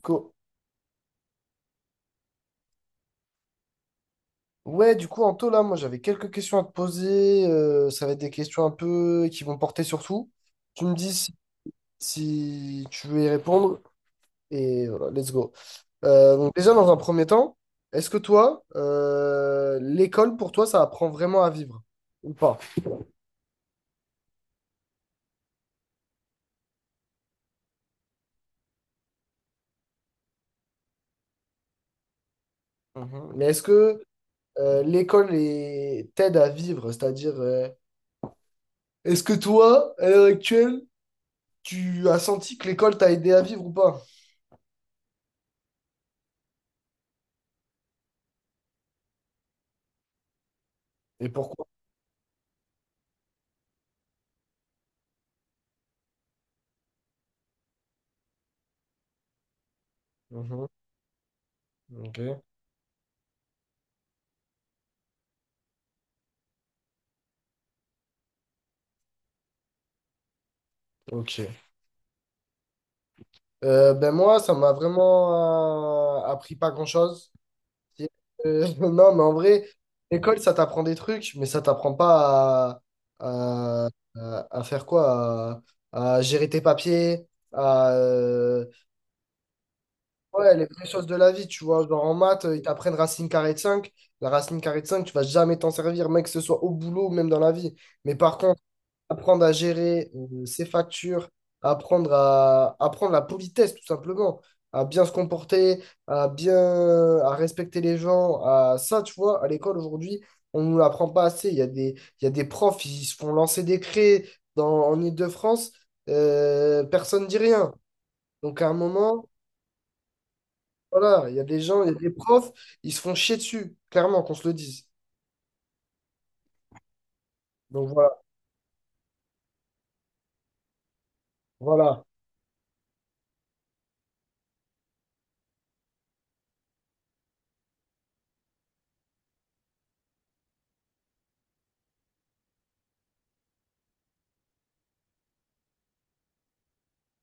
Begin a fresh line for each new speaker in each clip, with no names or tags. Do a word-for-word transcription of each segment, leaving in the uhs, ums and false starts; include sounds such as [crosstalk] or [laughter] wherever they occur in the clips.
Co- Ouais, du coup, Anto, là, moi, j'avais quelques questions à te poser. Euh, ça va être des questions un peu qui vont porter sur tout. Tu me dis si, si tu veux y répondre. Et voilà, let's go. Euh, donc, déjà, dans un premier temps, est-ce que toi, euh, l'école, pour toi, ça apprend vraiment à vivre ou pas? Mhm. Mais est-ce que euh, l'école est- t'aide à vivre? C'est-à-dire, euh, est-ce que toi, à l'heure actuelle, tu as senti que l'école t'a aidé à vivre ou pas? Et pourquoi? Mhm. Ok. Ok. Euh, ben moi, ça m'a vraiment euh, appris pas grand-chose. Euh, [laughs] non, mais en vrai, l'école, ça t'apprend des trucs, mais ça t'apprend pas à, à, à faire quoi? À, à gérer tes papiers, à... euh, ouais, les vraies choses de la vie, tu vois. Genre en maths, ils t'apprennent racine carrée de cinq. La racine carrée de cinq, tu vas jamais t'en servir, mec, que ce soit au boulot ou même dans la vie. Mais par contre, apprendre à gérer euh, ses factures, apprendre à apprendre la politesse tout simplement, à bien se comporter, à bien à respecter les gens, à ça tu vois, à l'école aujourd'hui, on ne nous l'apprend pas assez, il y a des il y a des profs, ils se font lancer des craies dans en Île-de-France, euh, personne ne dit rien. Donc à un moment, voilà, il y a des gens, il y a des profs, ils se font chier dessus, clairement qu'on se le dise. Donc voilà, voilà.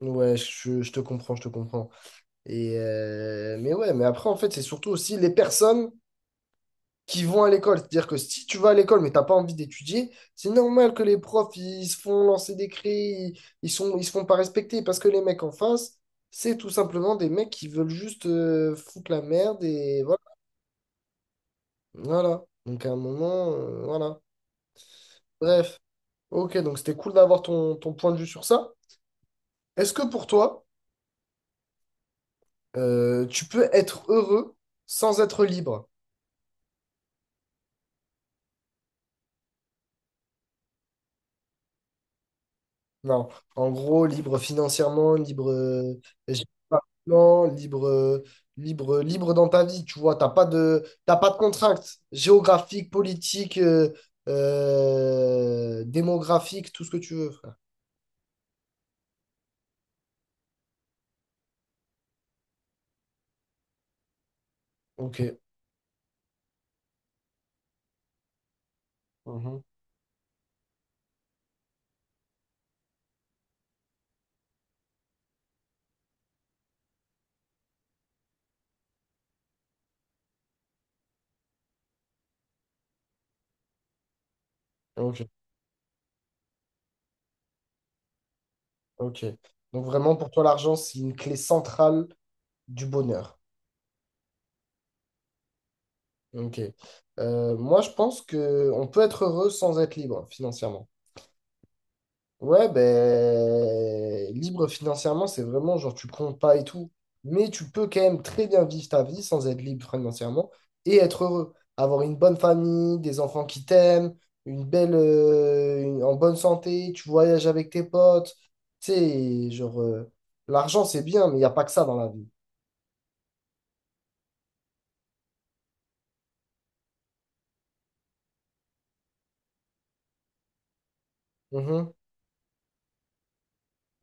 Ouais, je, je te comprends, je te comprends. Et euh, mais ouais, mais après, en fait, c'est surtout aussi les personnes qui vont à l'école. C'est-à-dire que si tu vas à l'école mais t'as pas envie d'étudier, c'est normal que les profs, ils se font lancer des cris, ils, ils sont, ils se font pas respecter parce que les mecs en face, c'est tout simplement des mecs qui veulent juste euh, foutre la merde et voilà. Voilà. Donc à un moment, euh, voilà. Bref. Ok, donc c'était cool d'avoir ton, ton point de vue sur ça. Est-ce que pour toi, euh, tu peux être heureux sans être libre? Non, en gros, libre financièrement, libre euh, géographiquement, libre, euh, libre, libre dans ta vie, tu vois, t'as pas de, t'as pas de contraintes géographiques, politiques, euh, euh, démographiques, tout ce que tu veux, frère. Ok. Mhm. Ok. Ok. Donc vraiment, pour toi, l'argent, c'est une clé centrale du bonheur. Ok. Euh, moi, je pense que on peut être heureux sans être libre financièrement. Ouais, ben, libre financièrement, c'est vraiment genre tu comptes pas et tout. Mais tu peux quand même très bien vivre ta vie sans être libre financièrement et être heureux. Avoir une bonne famille, des enfants qui t'aiment, une belle, euh, une- en bonne santé, tu voyages avec tes potes. Tu sais, genre, euh, l'argent c'est bien, mais il n'y a pas que ça dans la vie. Mhm,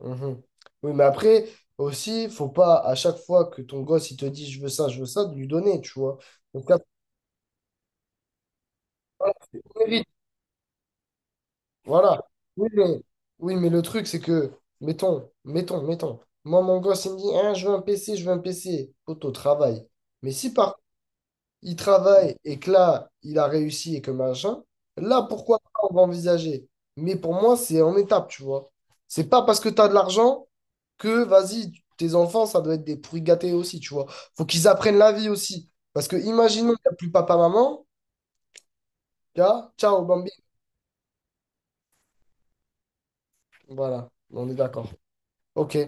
mhm. Oui, mais après, aussi, faut pas à chaque fois que ton gosse il te dit je veux ça, je veux ça, de lui donner, tu vois. Donc, voilà. Oui, mais, oui, mais le truc, c'est que, mettons, mettons, mettons, moi, mon gosse, il me dit, hein, je veux un P C, je veux un P C. Poto, travaille. Mais si par contre, il travaille et que là, il a réussi et que machin, là, pourquoi pas, on va envisager. Mais pour moi, c'est en étape, tu vois. C'est pas parce que tu as de l'argent que, vas-y, tes enfants, ça doit être des pourris gâtés aussi, tu vois. Faut qu'ils apprennent la vie aussi. Parce que, imaginons qu'il n'y a plus papa-maman, ciao, Bambi. Voilà, on est d'accord. OK.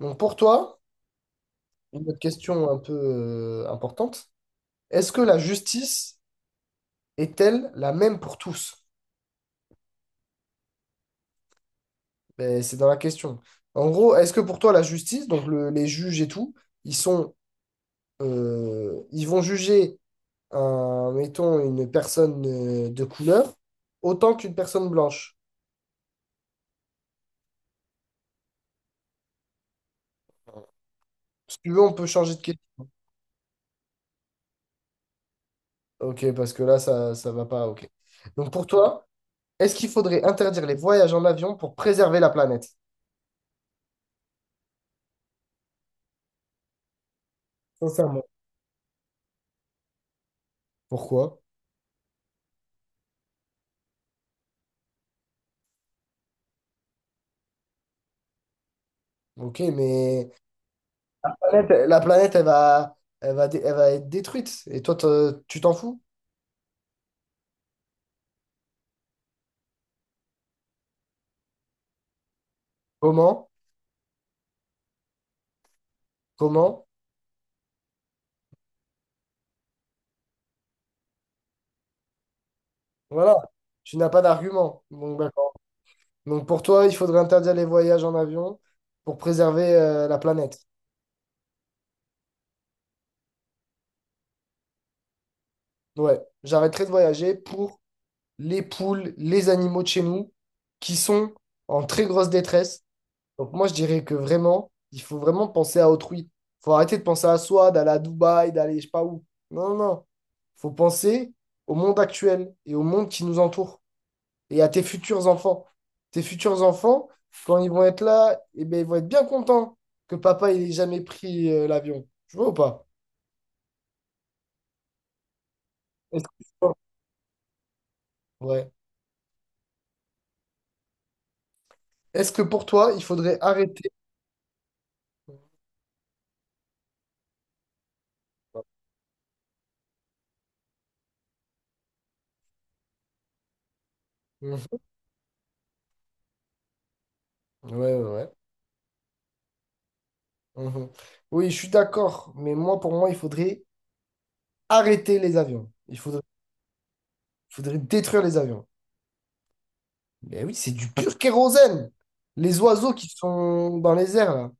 Donc, pour toi, une autre question un peu euh, importante. Est-ce que la justice est-elle la même pour tous? Ben, c'est dans la question. En gros, est-ce que pour toi, la justice, donc le- les juges et tout, ils sont, euh, ils vont juger, un, mettons, une personne euh, de couleur autant qu'une personne blanche? Si tu veux, on peut changer de question. Ok, parce que là, ça, ça va pas. Ok. Donc pour toi, est-ce qu'il faudrait interdire les voyages en avion pour préserver la planète? Sincèrement. Pourquoi? Ok, mais planète, la planète, elle va, elle va, dé- elle va être détruite. Et toi, te- tu t'en fous? Comment? Comment? Voilà. Tu n'as pas d'argument. Donc, d'accord. Donc, pour toi, il faudrait interdire les voyages en avion pour préserver euh, la planète. Ouais. J'arrêterai de voyager pour les poules, les animaux de chez nous qui sont en très grosse détresse. Donc moi, je dirais que vraiment, il faut vraiment penser à autrui. Faut arrêter de penser à soi, d'aller à Dubaï, d'aller je sais pas où. Non, non, non. Faut penser au monde actuel et au monde qui nous entoure et à tes futurs enfants. Tes futurs enfants, quand ils vont être là, eh ben, ils vont être bien contents que papa il ait jamais pris euh, l'avion. Tu vois ou pas? Est-ce que... Ouais. Est-ce que pour toi, il faudrait arrêter... Mhm. Ouais, ouais, ouais. Mhm. Oui, je suis d'accord, mais moi, pour moi, il faudrait arrêter les avions. Il faudrait faudrait détruire les avions. Mais oui, c'est du pur kérosène. Les oiseaux qui sont dans les airs, là,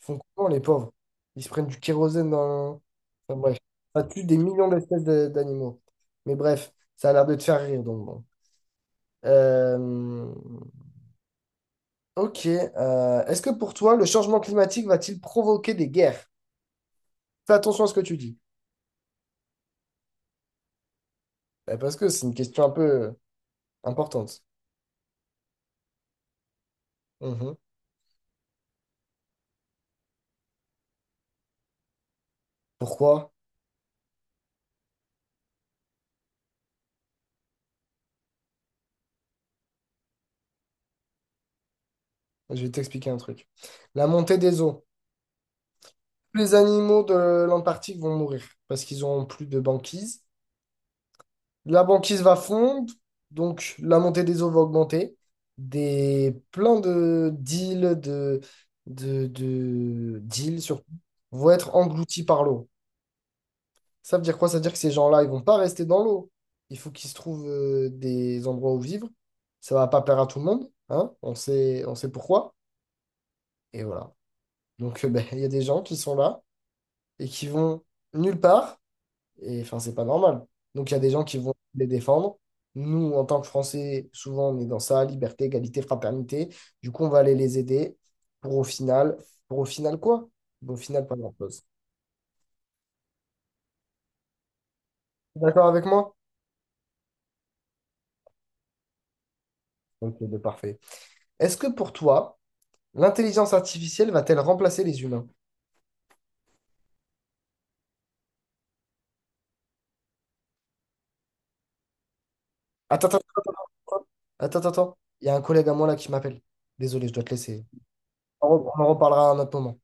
ils font comment, les pauvres? Ils se prennent du kérosène dans... Enfin, bref, ça tue des millions d'espèces de- d'animaux. Mais bref, ça a l'air de te faire rire, donc bon. Euh, Ok. euh, Est-ce que pour toi, le changement climatique va-t-il provoquer des guerres? Fais attention à ce que tu dis. Eh, parce que c'est une question un peu euh, importante. Mhm. Pourquoi? Je vais t'expliquer un truc. La montée des eaux. Tous les animaux de l'Antarctique vont mourir parce qu'ils n'auront plus de banquise. La banquise va fondre, donc la montée des eaux va augmenter. Des, plein de d'îles, de, de, de- d'îles surtout, vont être englouties par l'eau. Ça veut dire quoi? Ça veut dire que ces gens-là, ils vont pas rester dans l'eau. Il faut qu'ils se trouvent euh, des endroits où vivre. Ça va pas plaire à tout le monde, hein? On sait, on sait pourquoi. Et voilà. Donc, euh, ben, [laughs] il y a des gens qui sont là et qui vont nulle part. Et enfin, c'est pas normal. Donc, il y a des gens qui vont les défendre. Nous, en tant que Français, souvent, on est dans ça, liberté, égalité, fraternité. Du coup, on va aller les aider pour au final, pour au final quoi? Au final, pas grand-chose. D'accord avec moi? Ok, de parfait. Est-ce que pour toi, l'intelligence artificielle va-t-elle remplacer les humains? Attends, attends, attends, attends, attends, attends. Il y a un collègue à moi là qui m'appelle. Désolé, je dois te laisser. On en reparlera à un autre moment.